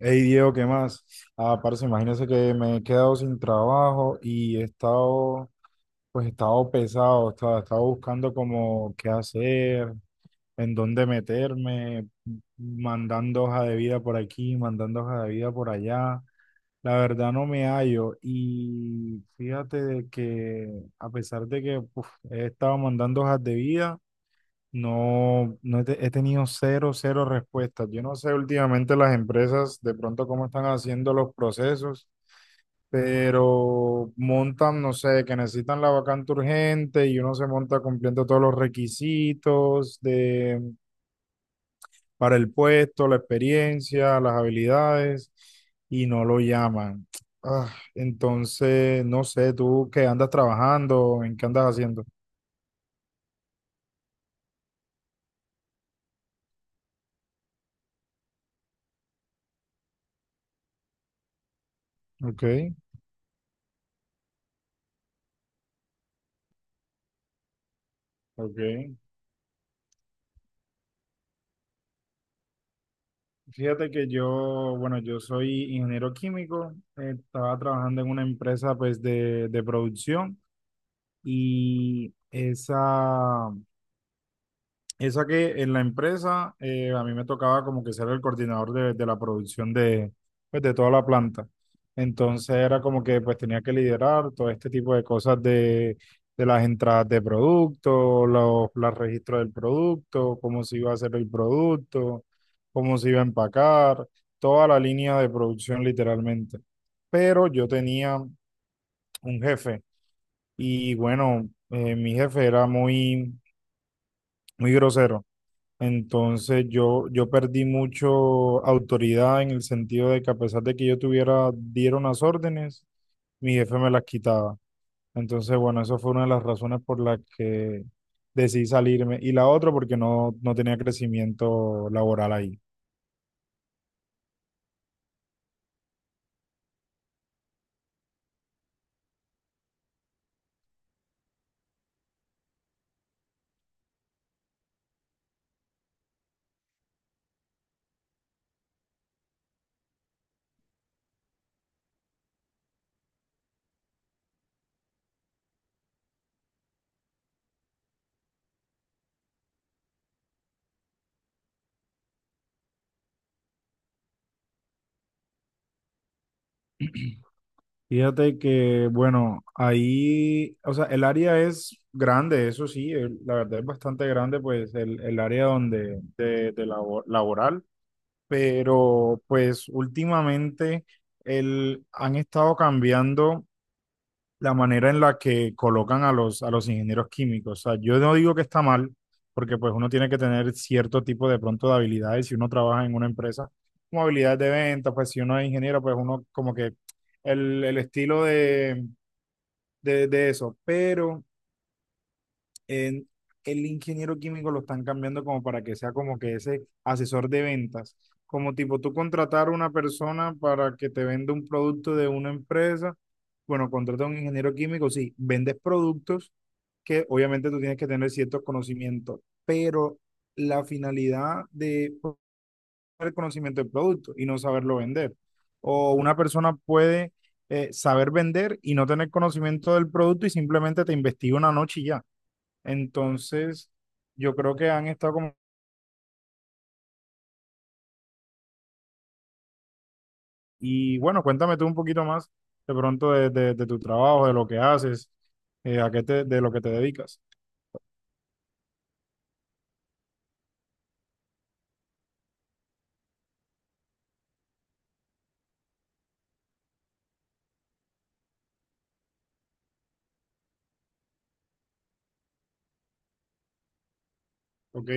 Hey Diego, ¿qué más? Ah, parce, imagínese que me he quedado sin trabajo y he estado, pues he estado pesado, estaba buscando como qué hacer, en dónde meterme, mandando hoja de vida por aquí, mandando hoja de vida por allá. La verdad no me hallo y fíjate de que a pesar de que he estado mandando hojas de vida, no, no he, te- he tenido cero, cero respuestas. Yo no sé últimamente las empresas de pronto cómo están haciendo los procesos, pero montan, no sé, que necesitan la vacante urgente y uno se monta cumpliendo todos los requisitos de, para el puesto, la experiencia, las habilidades y no lo llaman. Ah, entonces, no sé, tú qué andas trabajando, en qué andas haciendo. Ok, ok. Fíjate que yo soy ingeniero químico, estaba trabajando en una empresa pues de producción y esa que en la empresa a mí me tocaba como que ser el coordinador de la producción de, pues, de toda la planta. Entonces era como que pues tenía que liderar todo este tipo de cosas de las entradas de producto, los registros del producto, cómo se iba a hacer el producto, cómo se iba a empacar, toda la línea de producción literalmente. Pero yo tenía un jefe y bueno, mi jefe era muy grosero. Entonces yo perdí mucho autoridad en el sentido de que a pesar de que yo tuviera, dieron las órdenes, mi jefe me las quitaba. Entonces, bueno, eso fue una de las razones por las que decidí salirme. Y la otra porque no, no tenía crecimiento laboral ahí. Fíjate que, bueno, ahí, o sea, el área es grande, eso sí, la verdad es bastante grande, pues el área donde, laboral. Pero pues últimamente han estado cambiando la manera en la que colocan a a los ingenieros químicos. O sea, yo no digo que está mal, porque pues uno tiene que tener cierto tipo de pronto de habilidades si uno trabaja en una empresa, como habilidades de venta, pues si uno es ingeniero, pues uno como que el estilo de eso, pero en- el ingeniero químico lo están cambiando como para que sea como que ese asesor de ventas, como tipo tú contratar a una persona para que te venda un producto de una empresa, bueno, contrata a un ingeniero químico, sí, vendes productos que obviamente tú tienes que tener ciertos conocimientos, pero la finalidad de el conocimiento del producto y no saberlo vender. O una persona puede saber vender y no tener conocimiento del producto y simplemente te investiga una noche y ya. Entonces, yo creo que han estado como… Y bueno, cuéntame tú un poquito más de pronto de tu trabajo, de lo que haces, a qué te, de lo que te dedicas. Ok.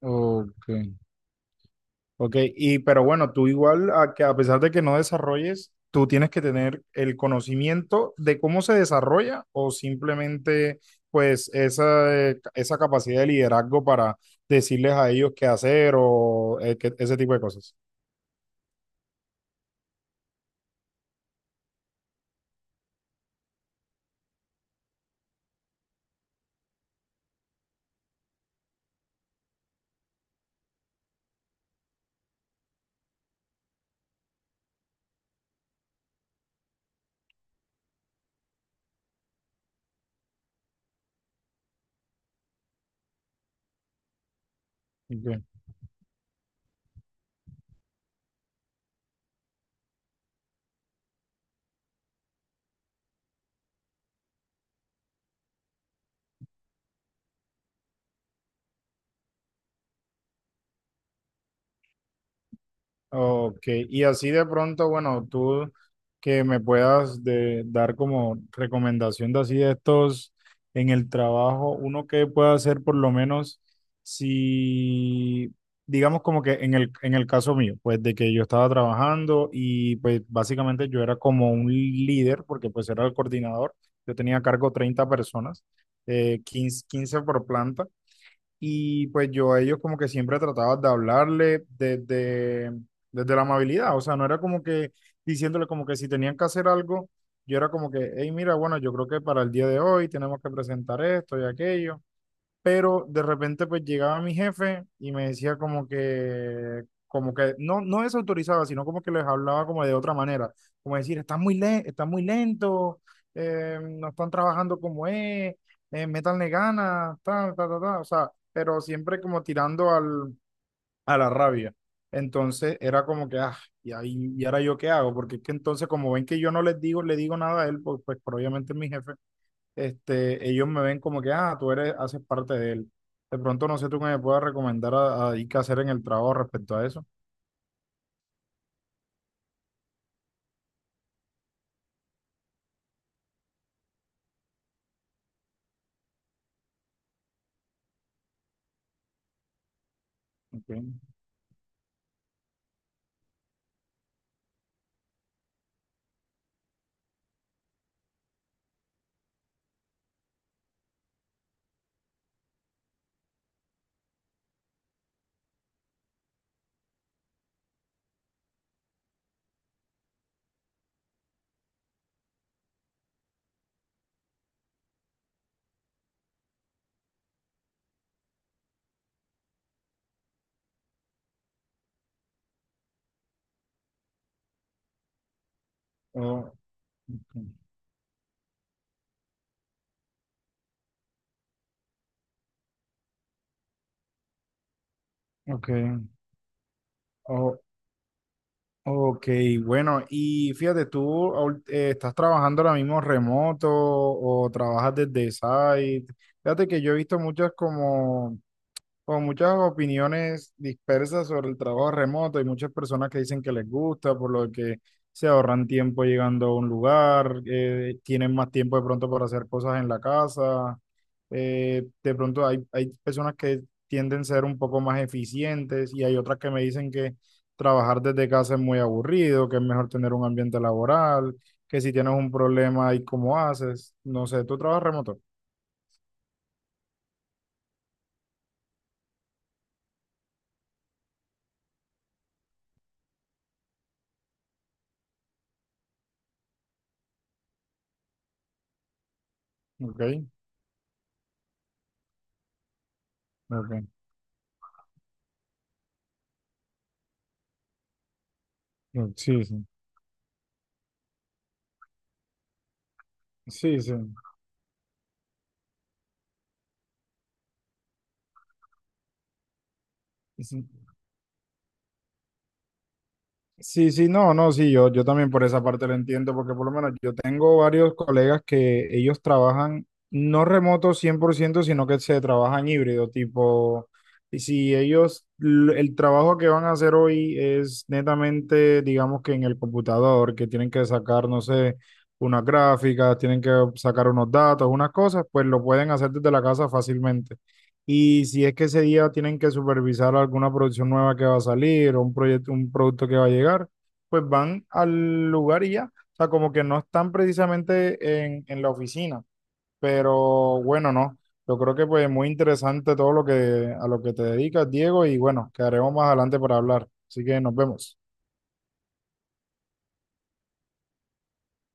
Ok. Ok, y pero bueno, tú igual, a, que a pesar de que no desarrolles, tú tienes que tener el conocimiento de cómo se desarrolla o simplemente pues esa, esa capacidad de liderazgo para decirles a ellos qué hacer o ese tipo de cosas. Ok. Ok, y así de pronto, bueno, tú que me puedas dar como recomendación de así de estos en el trabajo, uno que pueda hacer por lo menos si, digamos como que en en el caso mío, pues de que yo estaba trabajando y pues básicamente yo era como un líder, porque pues era el coordinador, yo tenía a cargo 30 personas, 15 15 por planta. Y pues yo a ellos como que siempre trataba de hablarle desde, desde la amabilidad, o sea, no era como que diciéndole como que si tenían que hacer algo, yo era como que, hey, mira, bueno, yo creo que para el día de hoy tenemos que presentar esto y aquello pero de repente pues llegaba mi jefe y me decía no, no desautorizaba, sino como que les hablaba como de otra manera, como decir, están muy, le están muy lento, no están trabajando como es, métanle ganas, ta, ta, ta, ta, o sea, pero siempre como tirando al, a la rabia. Entonces era como que, ah, y ahora yo qué hago, porque es que entonces como ven que yo no les digo, le digo nada a él, pues pero obviamente es mi jefe este, ellos me ven como que, ah, tú eres, haces parte de él. De pronto no sé tú qué me puedas recomendar y qué hacer en el trabajo respecto a eso. Ok. O- ok. O- ok, bueno, y fíjate, ¿ estás trabajando ahora mismo remoto o trabajas desde site? Fíjate que yo he visto muchas como con muchas opiniones dispersas sobre el trabajo remoto y muchas personas que dicen que les gusta, por lo que se ahorran tiempo llegando a un lugar, tienen más tiempo de pronto para hacer cosas en la casa. Hay personas que tienden a ser un poco más eficientes y hay otras que me dicen que trabajar desde casa es muy aburrido, que es mejor tener un ambiente laboral, que si tienes un problema y cómo haces, no sé, tú trabajas remoto, ¿ok? Ok, ok, sí, sí, sí, sí. Sí. Sí, sí, no, no, sí, yo también por esa parte lo entiendo, porque por lo menos yo tengo varios colegas que ellos trabajan no remoto 100%, sino que se trabajan híbrido, tipo, y si ellos, el trabajo que van a hacer hoy es netamente, digamos que en el computador, que tienen que sacar, no sé, unas gráficas, tienen que sacar unos datos, unas cosas, pues lo pueden hacer desde la casa fácilmente. Y si es que ese día tienen que supervisar alguna producción nueva que va a salir o un proyecto, un producto que va a llegar, pues van al lugar y ya. O sea, como que no están precisamente en la oficina. Pero bueno, no. Yo creo que pues muy interesante todo lo que a lo que te dedicas, Diego, y bueno, quedaremos más adelante para hablar. Así que nos vemos.